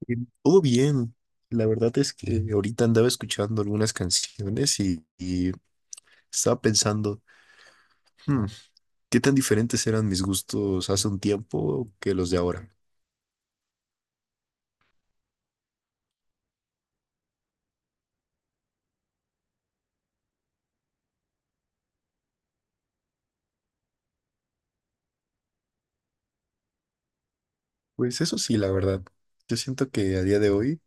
Bien. Todo bien. La verdad es que ahorita andaba escuchando algunas canciones y estaba pensando, "Hmm, ¿qué tan diferentes eran mis gustos hace un tiempo que los de ahora?" Pues eso sí, la verdad. Yo siento que a día de hoy,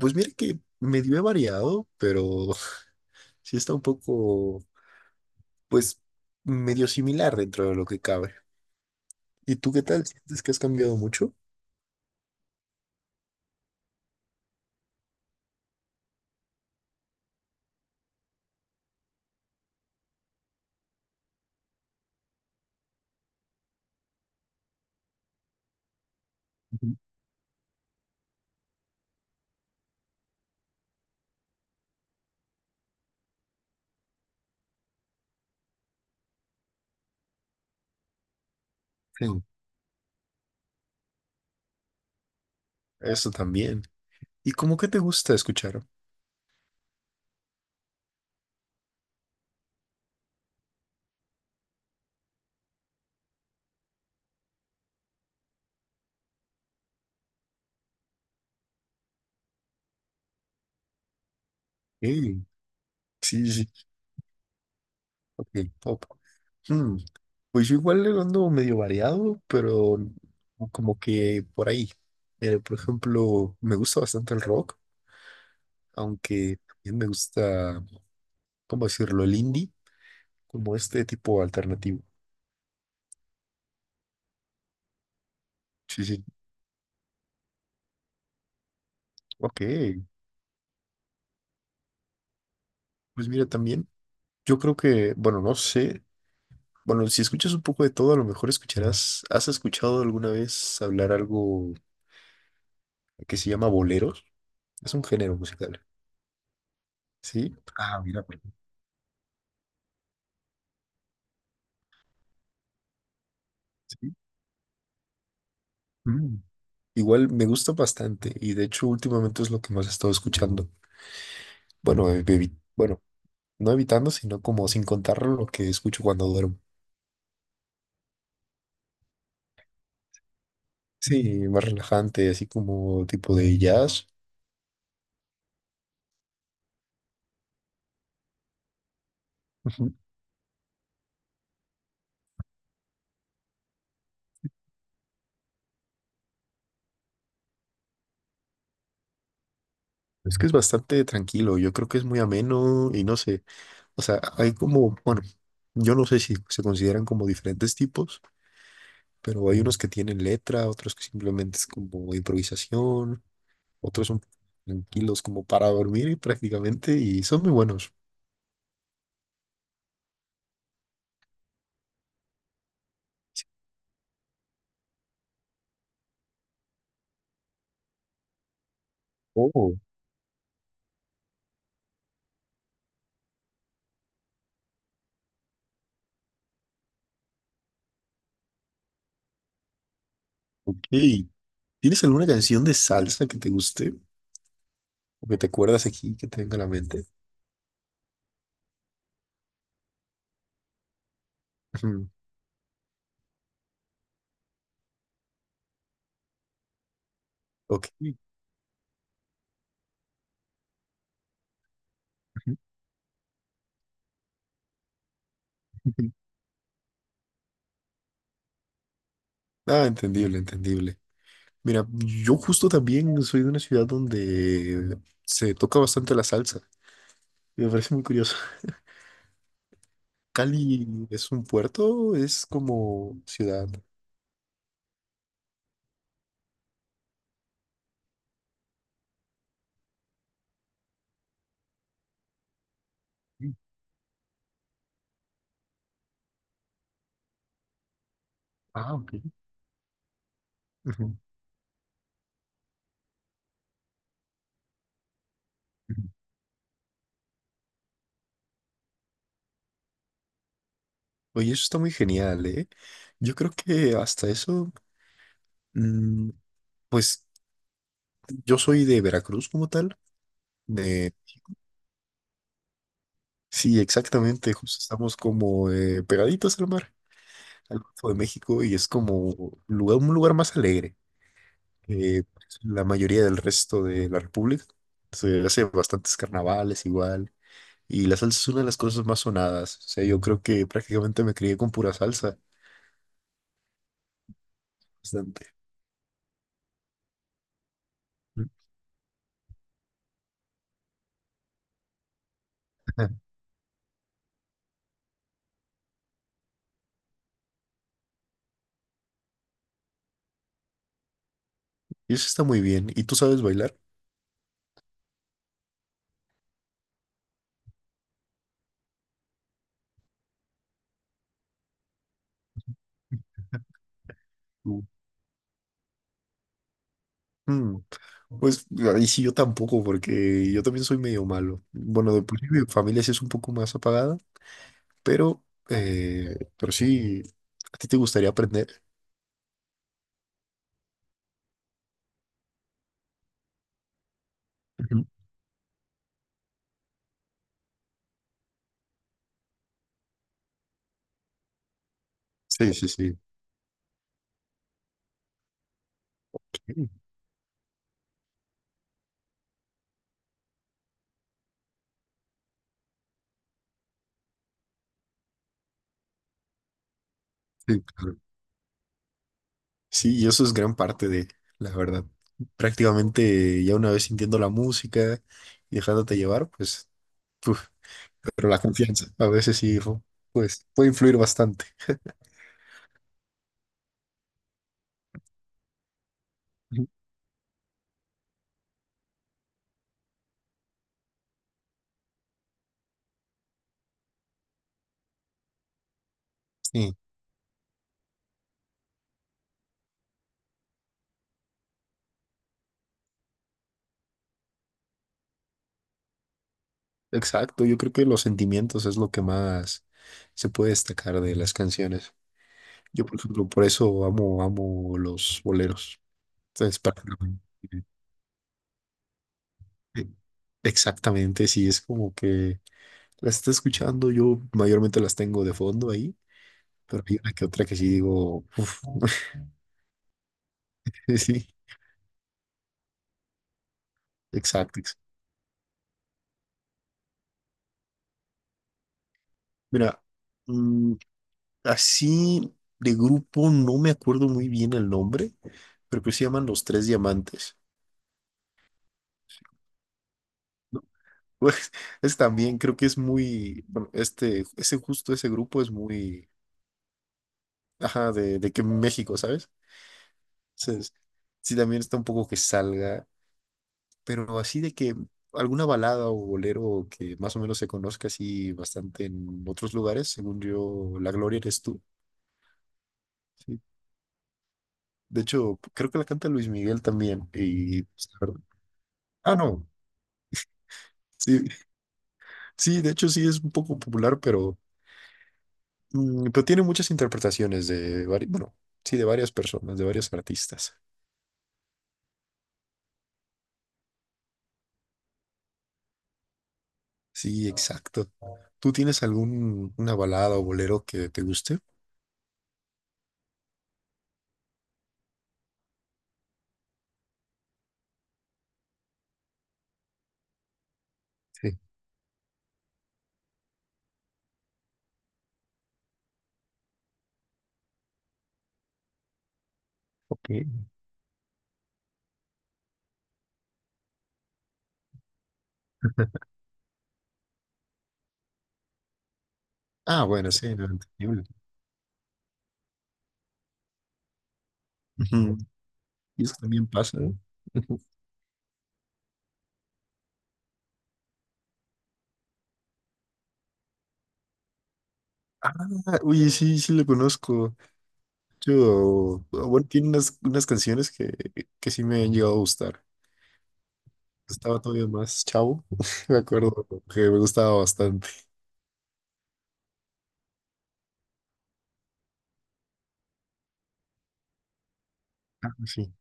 pues mira que medio he variado, pero sí está un poco, pues, medio similar dentro de lo que cabe. ¿Y tú qué tal? ¿Sientes que has cambiado mucho? Ujú. Sí, eso también. ¿Y cómo que te gusta escuchar? Ey, sí, sí, ok, pop. Hmm, Pues yo igual le ando medio variado, pero como que por ahí. Por ejemplo, me gusta bastante el rock, aunque también me gusta, ¿cómo decirlo? El indie, como este tipo alternativo. Sí, sí, ok. Pues mira, también yo creo que, bueno, no sé. Bueno, si escuchas un poco de todo, a lo mejor escucharás, ¿has escuchado alguna vez hablar algo que se llama boleros? Es un género musical, ¿sí? Ah, mira, pues. Sí. Mm. Igual me gusta bastante y de hecho últimamente es lo que más he estado escuchando. Bueno, bueno, no evitando, sino como sin contar lo que escucho cuando duermo. Sí, más relajante, así como tipo de jazz. Ujú. Es que es bastante tranquilo, yo creo que es muy ameno y no sé. O sea, hay como, bueno, yo no sé si se consideran como diferentes tipos, pero hay unos que tienen letra, otros que simplemente es como improvisación, otros son tranquilos como para dormir prácticamente y son muy buenos. Oh, ok. ¿Tienes alguna canción de salsa que te guste o que te acuerdas aquí que te venga a la mente? Ujú. Ok. Ujú. Ah, entendible, entendible. Mira, yo justo también soy de una ciudad donde se toca bastante la salsa. Me parece muy curioso. Cali es un puerto, es como ciudad. Mm. Ah, ok. Ujú, ujú. Oye, eso está muy genial, ¿eh? Yo creo que hasta eso, mm, pues yo soy de Veracruz como tal. de- sí, exactamente, justo estamos como pegaditos al mar, al Golfo de México, y es como un lugar más alegre que pues, la mayoría del resto de la República. Se hace bastantes carnavales igual. Y la salsa es una de las cosas más sonadas. O sea, yo creo que prácticamente me crié con pura salsa. Bastante. Mm. Ajá. Y eso está muy bien. ¿Y tú sabes bailar? Mm. Mm, Pues ahí sí yo tampoco, porque yo también soy medio malo. Bueno, de por sí mi familia sí es un poco más apagada, pero, pero sí, ¿a ti te gustaría aprender? Ujú. Sí, sí, sí. Ok. Sí, claro. Sí, y eso es gran parte de, la verdad. Prácticamente ya una vez sintiendo la música y dejándote llevar, pues. Pero la confianza, a veces sí, pues puede influir bastante. Ujú. Sí, exacto. Yo creo que los sentimientos es lo que más se puede destacar de las canciones. Yo, por ejemplo, por eso amo, amo los boleros. Entonces, prácticamente. Exactamente, sí, es como que la está escuchando, yo mayormente las tengo de fondo ahí, pero hay una que otra que sí digo, uf, sí, exacto. Mira, mm, así de grupo, no me acuerdo muy bien el nombre, pero que se llaman Los Tres Diamantes. ¿No? Pues, es también, creo que es muy, bueno, este, ese justo, ese grupo es muy, ajá, de que México, ¿sabes? Entonces, sí, también está un poco que salga, pero así de que alguna balada o bolero que más o menos se conozca así bastante en otros lugares, según yo, La Gloria eres tú. Sí. De hecho, creo que la canta Luis Miguel también, y, pues, la verdad- ah, no. Sí, sí, de hecho sí es un poco popular, pero tiene muchas interpretaciones de varios, bueno, sí, de varias personas, de varios artistas. Sí, exacto. ¿Tú tienes algún una balada o bolero que te guste? Sí. Ok. Ah, bueno, sí, no, entendible. Ujú. Y eso también pasa, ¿eh? Ujú. Ah, oye, sí, sí lo conozco. Yo, ah, bueno, tiene unas canciones que sí me han llegado a gustar. Estaba todavía más chavo, me acuerdo que me gustaba bastante. Ah, sí.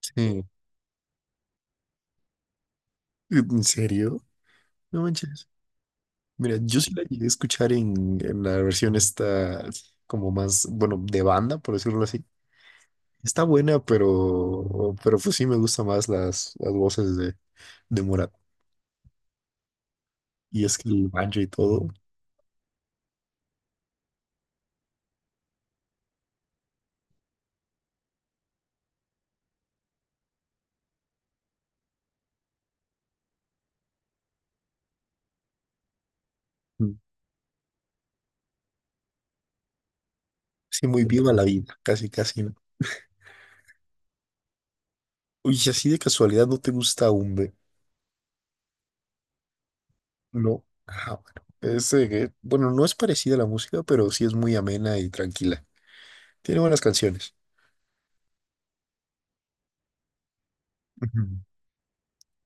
Sí. ¿En serio? No manches. Mira, yo sí la llegué a escuchar en la versión esta, como más, bueno, de banda, por decirlo así. Está buena, pero pues sí me gustan más las voces de Morat. Y es que el banjo y todo, mm, sí, muy viva la vida, casi, casi, ¿no? Uy, y así de casualidad no te gusta Umbe, ¿no? Ah, bueno. Es, bueno, no es parecida a la música, pero sí es muy amena y tranquila. Tiene buenas canciones. Ujú.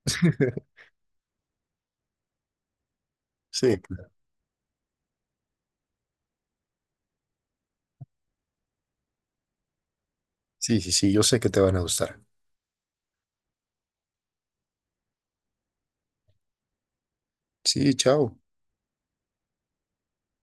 Sí, claro. Sí, sí, sí, yo sé que te van a gustar. Sí, chao.